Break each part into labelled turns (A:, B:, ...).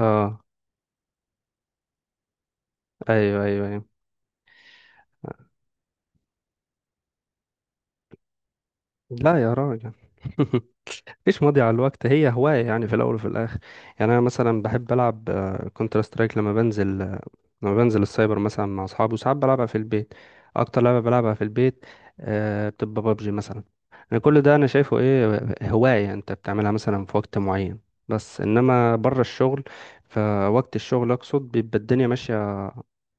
A: اه، ايوه، ايوه، ايوه. لا يا راجل. مفيش ماضي على الوقت، هي هواية يعني في الأول وفي الآخر. يعني أنا مثلا بحب ألعب كونتر سترايك لما بنزل السايبر مثلا مع أصحابي، وساعات بلعبها في البيت. أكتر لعبة بلعبها في البيت بتبقى بابجي مثلا. أنا كل ده أنا شايفه إيه، هواية أنت بتعملها مثلا في وقت معين، بس إنما بره الشغل. فوقت الشغل أقصد بيبقى الدنيا ماشية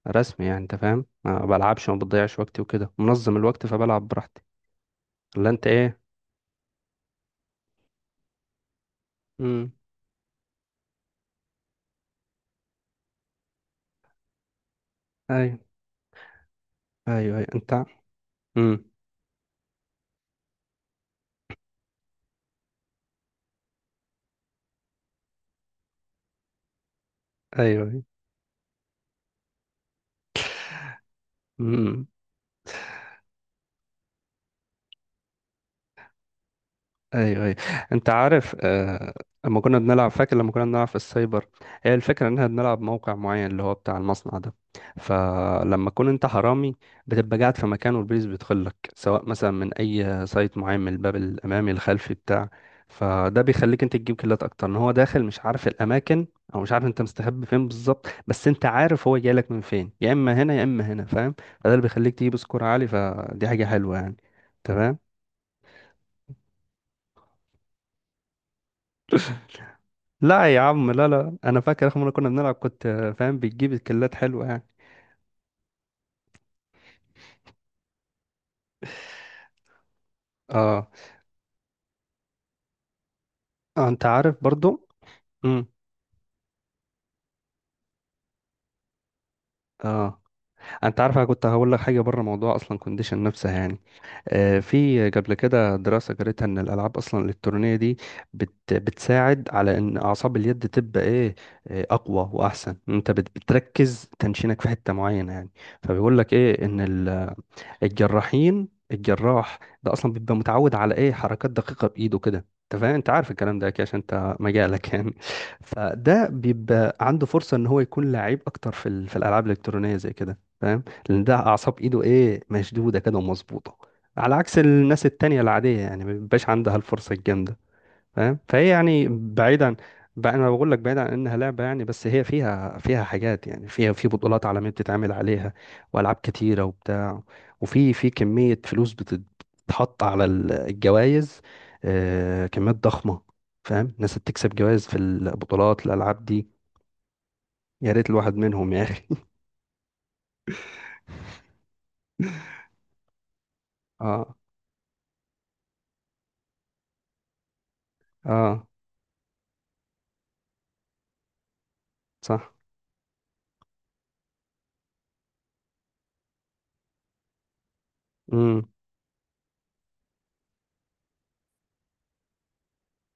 A: رسمي، يعني أنت فاهم، ما بلعبش وما بضيعش وقتي وكده، منظم الوقت فبلعب براحتي. ولا انت ايه؟ امم. ايوه، ايوه، ايوه انت. امم. ايوه، ايوه. امم. ايوه، ايوه. انت عارف، لما كنا بنلعب فاكر لما كنا بنلعب في السايبر، هي الفكره ان احنا بنلعب موقع معين اللي هو بتاع المصنع ده. فلما تكون انت حرامي، بتبقى قاعد في مكان، والبوليس بيدخل لك سواء مثلا من اي سايت معين، من الباب الامامي الخلفي بتاع. فده بيخليك انت تجيب كيلات اكتر، ان هو داخل مش عارف الاماكن، او مش عارف انت مستخبي فين بالظبط، بس انت عارف هو جاي لك من فين، يا اما هنا يا اما هنا، فاهم. فده اللي بيخليك تجيب سكور عالي، فدي حاجه حلوه يعني. تمام. لا يا عم، لا، انا فاكر اخر مره كنا بنلعب كنت فاهم بتجيب الكلات حلوه يعني. اه. انت عارف برضو. امم. اه، انت عارف انا كنت هقول لك حاجه بره موضوع اصلا كونديشن نفسها يعني. آه، في قبل كده دراسه قريتها ان الالعاب اصلا الالكترونيه دي بتساعد على ان اعصاب اليد تبقى ايه، اقوى واحسن. انت بتركز تنشينك في حته معينه يعني. فبيقول لك ايه، ان الجراح ده اصلا بيبقى متعود على ايه، حركات دقيقه بايده كده. انت فاهم، انت عارف الكلام ده اكيد عشان انت مجالك يعني. فده بيبقى عنده فرصه ان هو يكون لعيب اكتر في في الالعاب الالكترونيه زي كده، فاهم. لان ده اعصاب ايده ايه، مشدوده كده ومظبوطه، على عكس الناس التانية العادية يعني، ما بيبقاش عندها الفرصة الجامدة. فاهم، فهي يعني بعيدا. بقى انا بقول لك، بعيدا عن انها لعبه يعني، بس هي فيها حاجات يعني، فيها في بطولات عالميه بتتعمل عليها، والعاب كتيره وبتاع، وفي كميه فلوس بتتحط على الجوائز، آه، كميات ضخمه. فاهم، ناس بتكسب جوائز في البطولات الالعاب دي. يا ريت الواحد منهم يا اخي. اه. اه، صح. امم.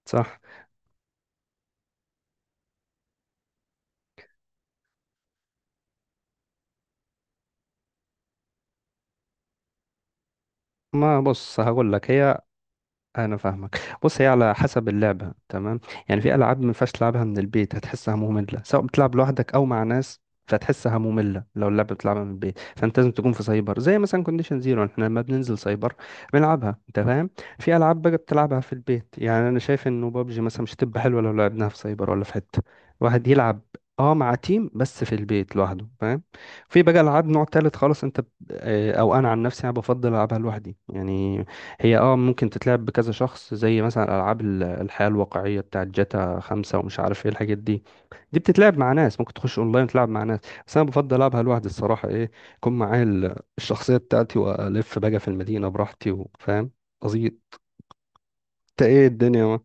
A: صح. ما بص هقول لك، هي انا فاهمك، بص هي على حسب اللعبه تمام. يعني في العاب ما ينفعش تلعبها من البيت، هتحسها ممله سواء بتلعب لوحدك او مع ناس. فتحسها ممله. لو اللعبه بتلعبها من البيت، فانت لازم تكون في سايبر زي مثلا كونديشن زيرو. احنا لما بننزل سايبر بنلعبها، انت فاهم. في العاب بقى بتلعبها في البيت، يعني انا شايف انه بابجي مثلا مش هتبقى حلوه لو لعبناها في سايبر، ولا في حته واحد يلعب اه مع تيم، بس في البيت لوحده، فاهم. في بقى العاب نوع تالت خالص، انت او انا عن نفسي انا بفضل العبها لوحدي يعني. هي اه ممكن تتلعب بكذا شخص زي مثلا العاب الحياة الواقعية بتاعت جاتا خمسة ومش عارف ايه الحاجات دي. دي بتتلعب مع ناس، ممكن تخش اونلاين تلعب مع ناس، بس انا بفضل العبها لوحدي الصراحة ايه، يكون معايا الشخصية بتاعتي، والف بقى في المدينة براحتي، وفاهم قصدي. انت ايه الدنيا ما.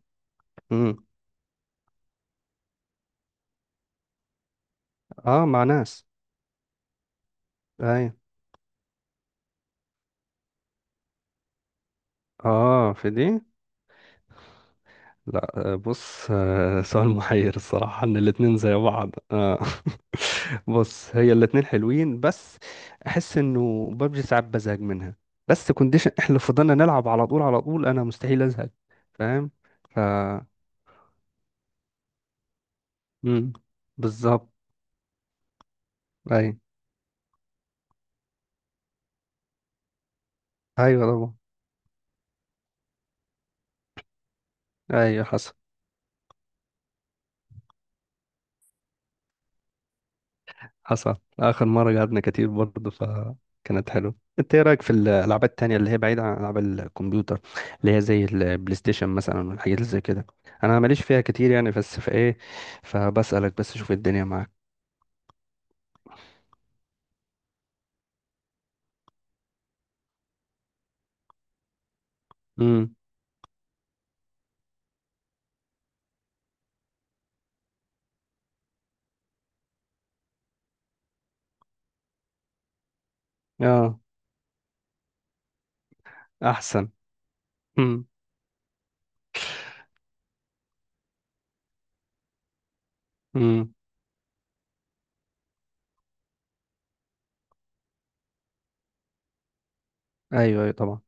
A: مم. اه، مع ناس. اي. اه في دي. لا، بص، سؤال محير الصراحة، ان الاتنين زي بعض آه. بص هي الاتنين حلوين، بس احس انه ببجي ساعات بزهق منها، بس كونديشن احنا لو فضلنا نلعب على طول على طول، انا مستحيل ازهق. فاهم. ف مم. بالظبط. ايوه، ايوه، طبعا. ايوه حصل. حصل آخر مرة قعدنا كتير برضه، فكانت حلوة. انت ايه رأيك في الألعاب التانية اللي هي بعيدة عن ألعاب الكمبيوتر، اللي هي زي البلاي ستيشن مثلا والحاجات اللي زي كده؟ أنا ماليش فيها كتير يعني، بس في ايه، فبسألك بس شوف الدنيا معاك. امم. اه. أحسن. امم. امم. أيوه، أيوه، طبعا.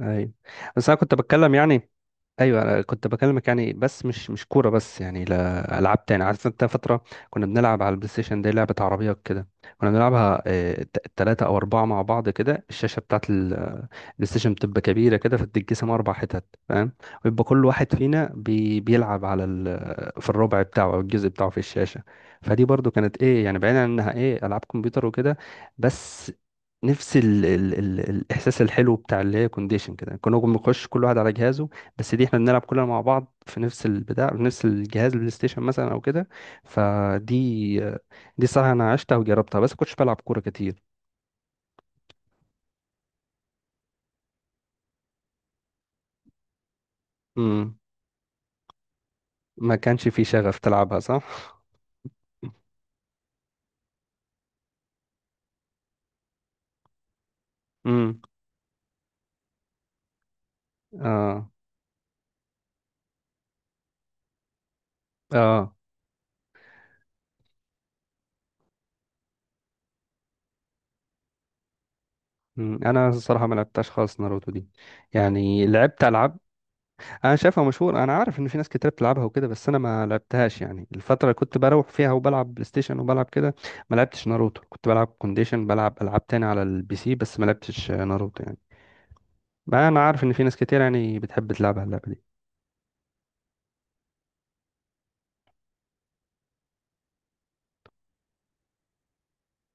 A: أيوه، بس أنا كنت بتكلم يعني. ايوه انا كنت بكلمك يعني، بس مش كوره بس يعني، لا العاب تاني، عارف انت فتره كنا بنلعب على البلاي ستيشن دي لعبه عربيه كده كنا بنلعبها، ثلاثه او اربعه مع بعض كده. الشاشه بتاعت البلاي ستيشن بتبقى كبيره كده، فتتقسم اربع حتت، فاهم. ويبقى كل واحد فينا بيلعب على ال... آه، في الربع بتاعه او الجزء بتاعه في الشاشه. فدي برضو كانت ايه يعني، بعيدا عن انها ايه العاب كمبيوتر وكده، بس نفس ال ال ال الاحساس الحلو بتاع، اللي هي كونديشن كده كنا بنخش كل واحد على جهازه، بس دي احنا بنلعب كلنا مع بعض في نفس البتاع، في نفس الجهاز البلاي ستيشن مثلا او كده. فدي، دي صراحة انا عشتها وجربتها، بس كنتش بلعب كورة كتير. امم. ما كانش في شغف تلعبها، صح. امم. اه. اه. انا الصراحه ما لعبتهاش خالص ناروتو دي. يعني لعبت العاب، انا شايفها مشهور، انا عارف ان في ناس كتير بتلعبها وكده، بس انا ما لعبتهاش يعني. الفتره اللي كنت بروح فيها وبلعب بلاي ستيشن وبلعب كده، ما لعبتش ناروتو، كنت بلعب كونديشن، بلعب العاب تاني على البي سي، بس ما لعبتش ناروتو يعني. ما انا عارف ان في ناس كتير يعني بتحب تلعب على اللعبه دي.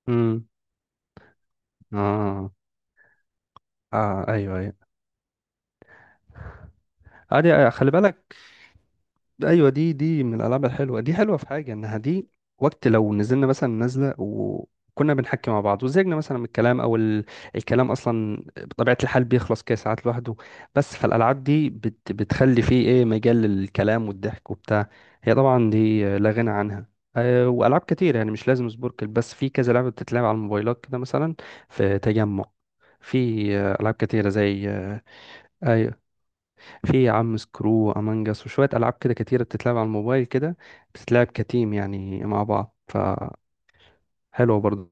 A: امم. اه. اه. ايوه، ايوه. ادي خلي بالك. ايوه، دي من الالعاب الحلوه، دي حلوه في حاجه انها دي وقت لو نزلنا مثلا نازله وكنا بنحكي مع بعض وزهقنا مثلا من الكلام او الكلام اصلا بطبيعه الحال بيخلص كده ساعات لوحده، بس فالالعاب دي بتخلي فيه ايه، مجال للكلام والضحك وبتاع. هي طبعا دي لا غنى عنها. أه والعاب كتير يعني، مش لازم سبوركل بس، في كذا لعبه بتتلعب على الموبايلات كده مثلا في تجمع. في العاب كتيره زي آه، اي، في يا عم سكرو امانجاس وشويه العاب كده كتيره بتتلعب على الموبايل كده، بتتلعب كتيم يعني مع بعض، فحلوه برضه.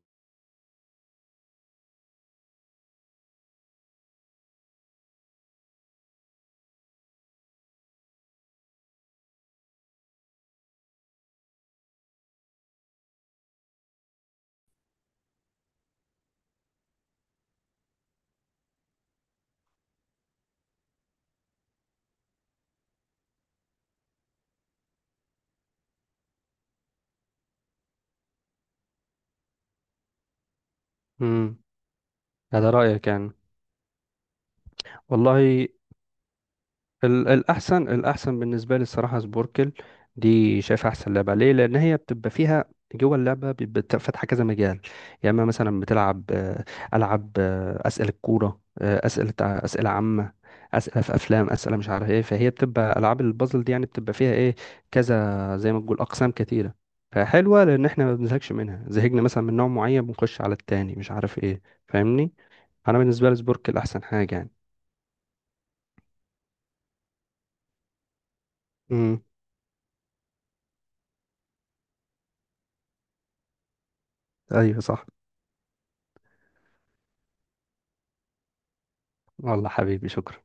A: امم. يعني ده رايك يعني. والله، الأحسن بالنسبة لي الصراحة سبوركل. دي شايف أحسن لعبة، ليه؟ لأن هي بتبقى فيها، جوه اللعبة بيبقى فاتحة كذا مجال. يا إما مثلا بتلعب ألعب أسئلة الكورة، آه، أسئلة عامة، أسئلة في أفلام، أسئلة مش عارف إيه. فهي بتبقى ألعاب البازل دي يعني، بتبقى فيها إيه، كذا زي ما تقول أقسام كتيرة. فحلوة، لأن إحنا ما بنزهقش منها، زهقنا مثلا من نوع معين بنخش على التاني مش عارف إيه. فاهمني؟ أنا بالنسبة لي سبوركل أحسن حاجة يعني. امم. أيوه، صح. والله حبيبي شكرا.